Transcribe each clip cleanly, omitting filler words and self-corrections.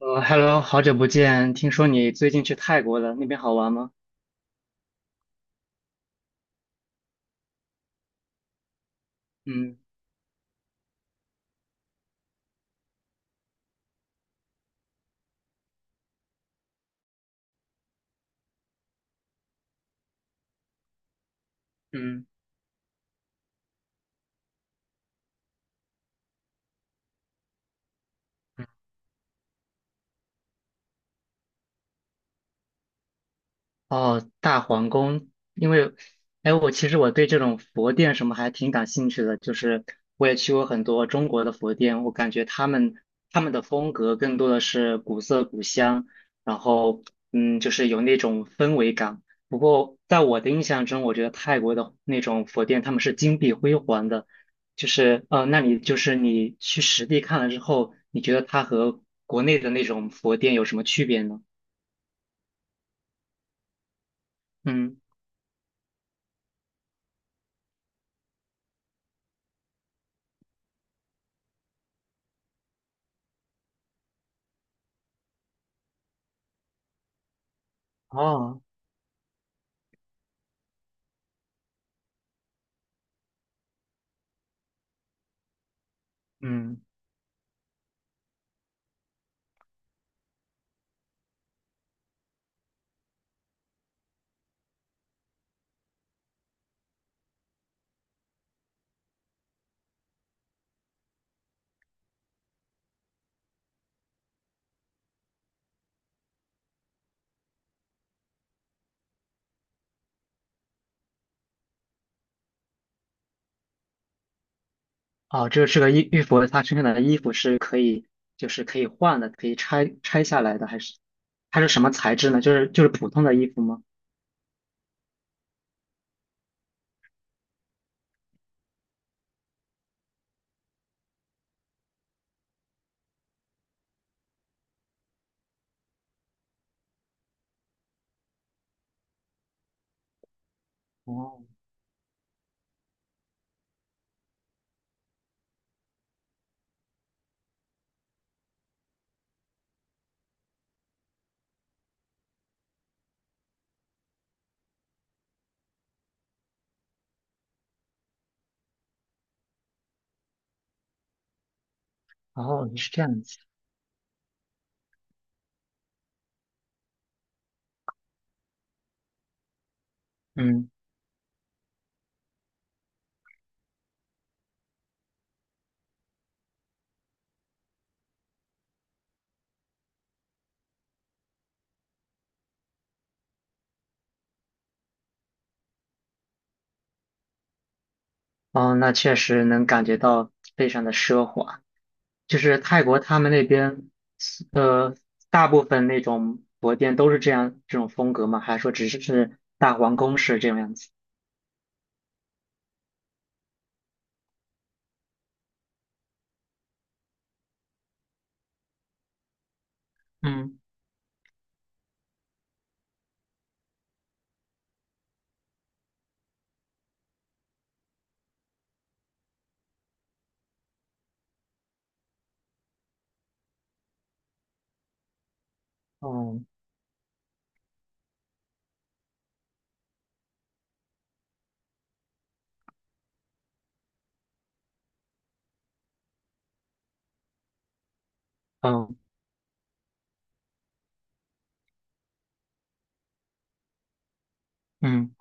Hello，好久不见，听说你最近去泰国了，那边好玩吗？嗯嗯。哦，大皇宫。因为，哎，我其实对这种佛殿什么还挺感兴趣的。我也去过很多中国的佛殿，我感觉他们的风格更多的是古色古香，然后嗯，就是有那种氛围感。不过在我的印象中，我觉得泰国的那种佛殿他们是金碧辉煌的。那你就是你去实地看了之后，你觉得它和国内的那种佛殿有什么区别呢？嗯哦，嗯，哦，这是这个玉佛，它身上的衣服是可以，就是可以换的，可以拆下来的，还是它是什么材质呢？就是普通的衣服吗？哦，哦，是这样子。嗯，哦，那确实能感觉到非常的奢华。就是泰国他们那边，呃，大部分那种佛殿都是这样这种风格吗？还是说只是大皇宫式这种样子？嗯哦，嗯嗯，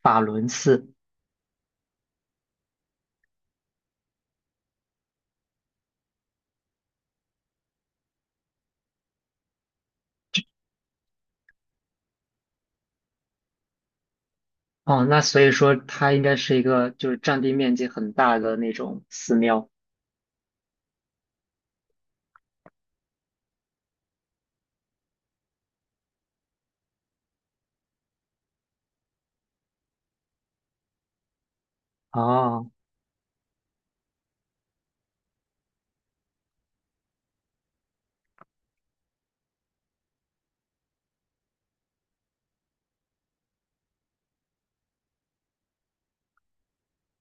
法轮寺。哦，那所以说它应该是一个就是占地面积很大的那种寺庙。哦，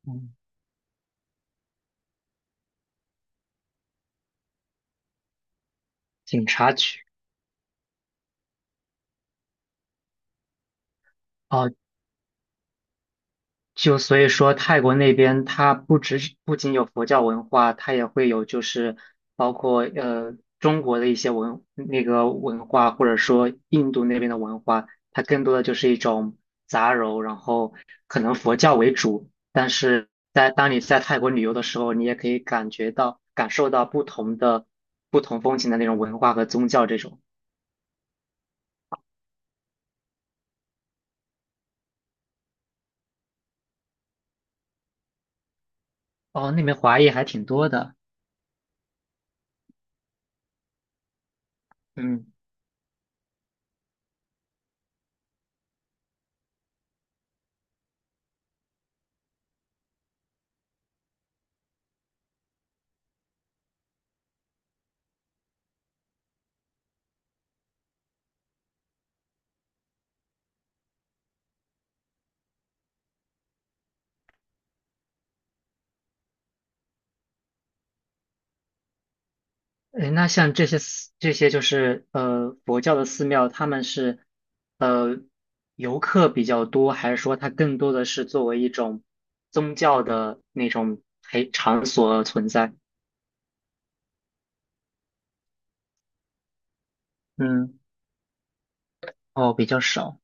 嗯警察局。哦，就所以说，泰国那边它不只是不仅有佛教文化，它也会有就是包括中国的一些文那个文化，或者说印度那边的文化。它更多的就是一种杂糅，然后可能佛教为主，但是当你在泰国旅游的时候，你也可以感受到不同的不同风情的那种文化和宗教这种。哦，那边华裔还挺多的，嗯。哎，那像这些就是佛教的寺庙，他们是呃游客比较多，还是说它更多的是作为一种宗教的那种陪场所存在？嗯，哦，比较少。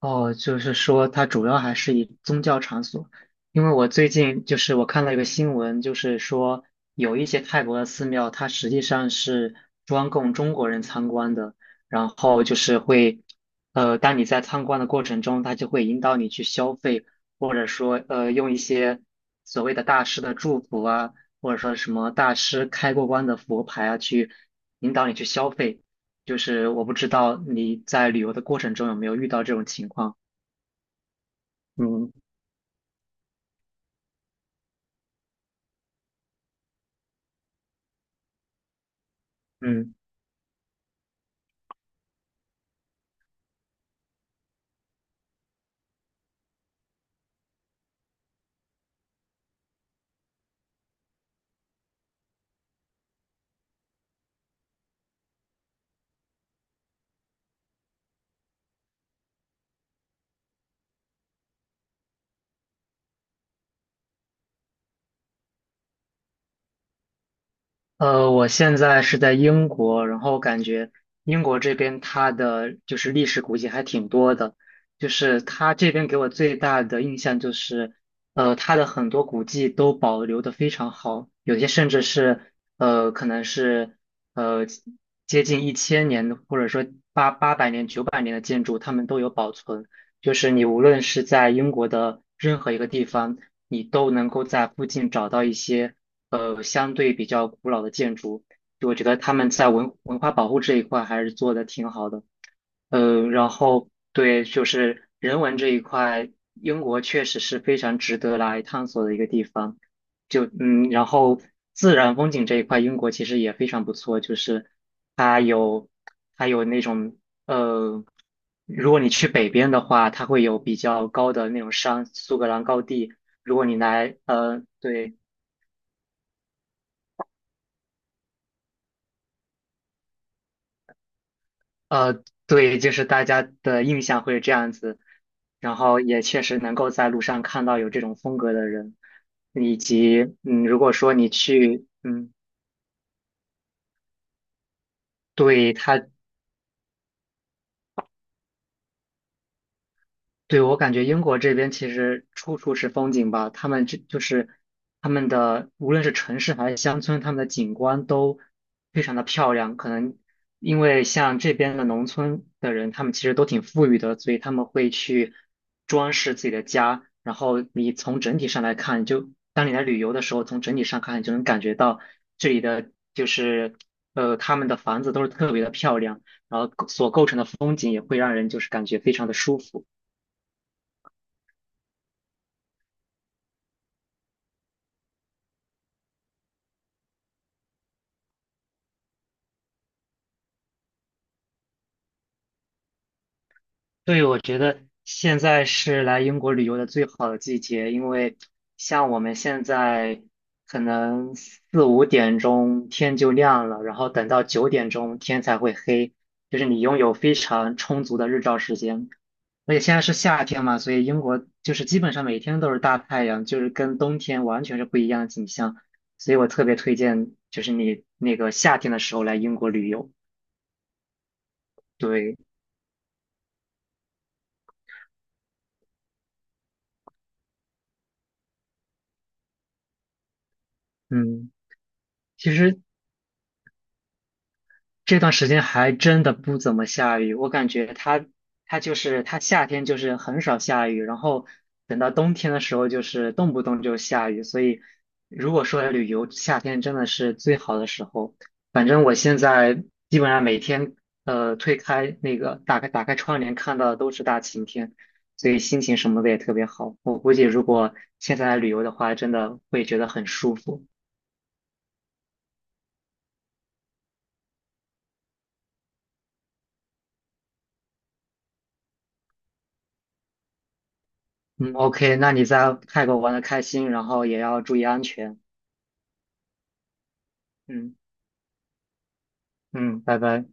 哦，就是说它主要还是以宗教场所。因为我最近我看了一个新闻，就是说有一些泰国的寺庙，它实际上是专供中国人参观的，然后就是会，呃，当你在参观的过程中，它就会引导你去消费，或者说用一些所谓的大师的祝福啊，或者说什么大师开过光的佛牌啊，去引导你去消费。就是我不知道你在旅游的过程中有没有遇到这种情况。嗯嗯。呃，我现在是在英国，然后感觉英国这边它的就是历史古迹还挺多的。就是它这边给我最大的印象就是，呃，它的很多古迹都保留的非常好，有些甚至是可能是呃接近1000年的，或者说八百年、900年的建筑，它们都有保存。就是你无论是在英国的任何一个地方，你都能够在附近找到一些。相对比较古老的建筑，就我觉得他们在文化保护这一块还是做的挺好的。呃，然后对，就是人文这一块，英国确实是非常值得来探索的一个地方。就嗯，然后自然风景这一块，英国其实也非常不错，就是它有它有那种呃，如果你去北边的话，它会有比较高的那种山，苏格兰高地。如果你来呃，对，呃，对，就是大家的印象会这样子，然后也确实能够在路上看到有这种风格的人。以及嗯，如果说你去，嗯，对，对，我感觉英国这边其实处处是风景吧。他们这就是他们的无论是城市还是乡村，他们的景观都非常的漂亮。可能因为像这边的农村的人，他们其实都挺富裕的，所以他们会去装饰自己的家。然后你从整体上来看，就当你来旅游的时候，从整体上看，你就能感觉到这里的就是他们的房子都是特别的漂亮，然后所构成的风景也会让人就是感觉非常的舒服。对，我觉得现在是来英国旅游的最好的季节。因为像我们现在可能4、5点钟天就亮了，然后等到9点钟天才会黑，就是你拥有非常充足的日照时间。而且现在是夏天嘛，所以英国就是基本上每天都是大太阳，就是跟冬天完全是不一样的景象。所以我特别推荐，就是你那个夏天的时候来英国旅游。对，嗯。其实这段时间还真的不怎么下雨。我感觉它夏天就是很少下雨，然后等到冬天的时候就是动不动就下雨，所以如果说旅游，夏天真的是最好的时候。反正我现在基本上每天推开那个打开窗帘看到的都是大晴天，所以心情什么的也特别好。我估计如果现在来旅游的话，真的会觉得很舒服。嗯，OK，那你在泰国玩的开心，然后也要注意安全。嗯嗯，拜拜。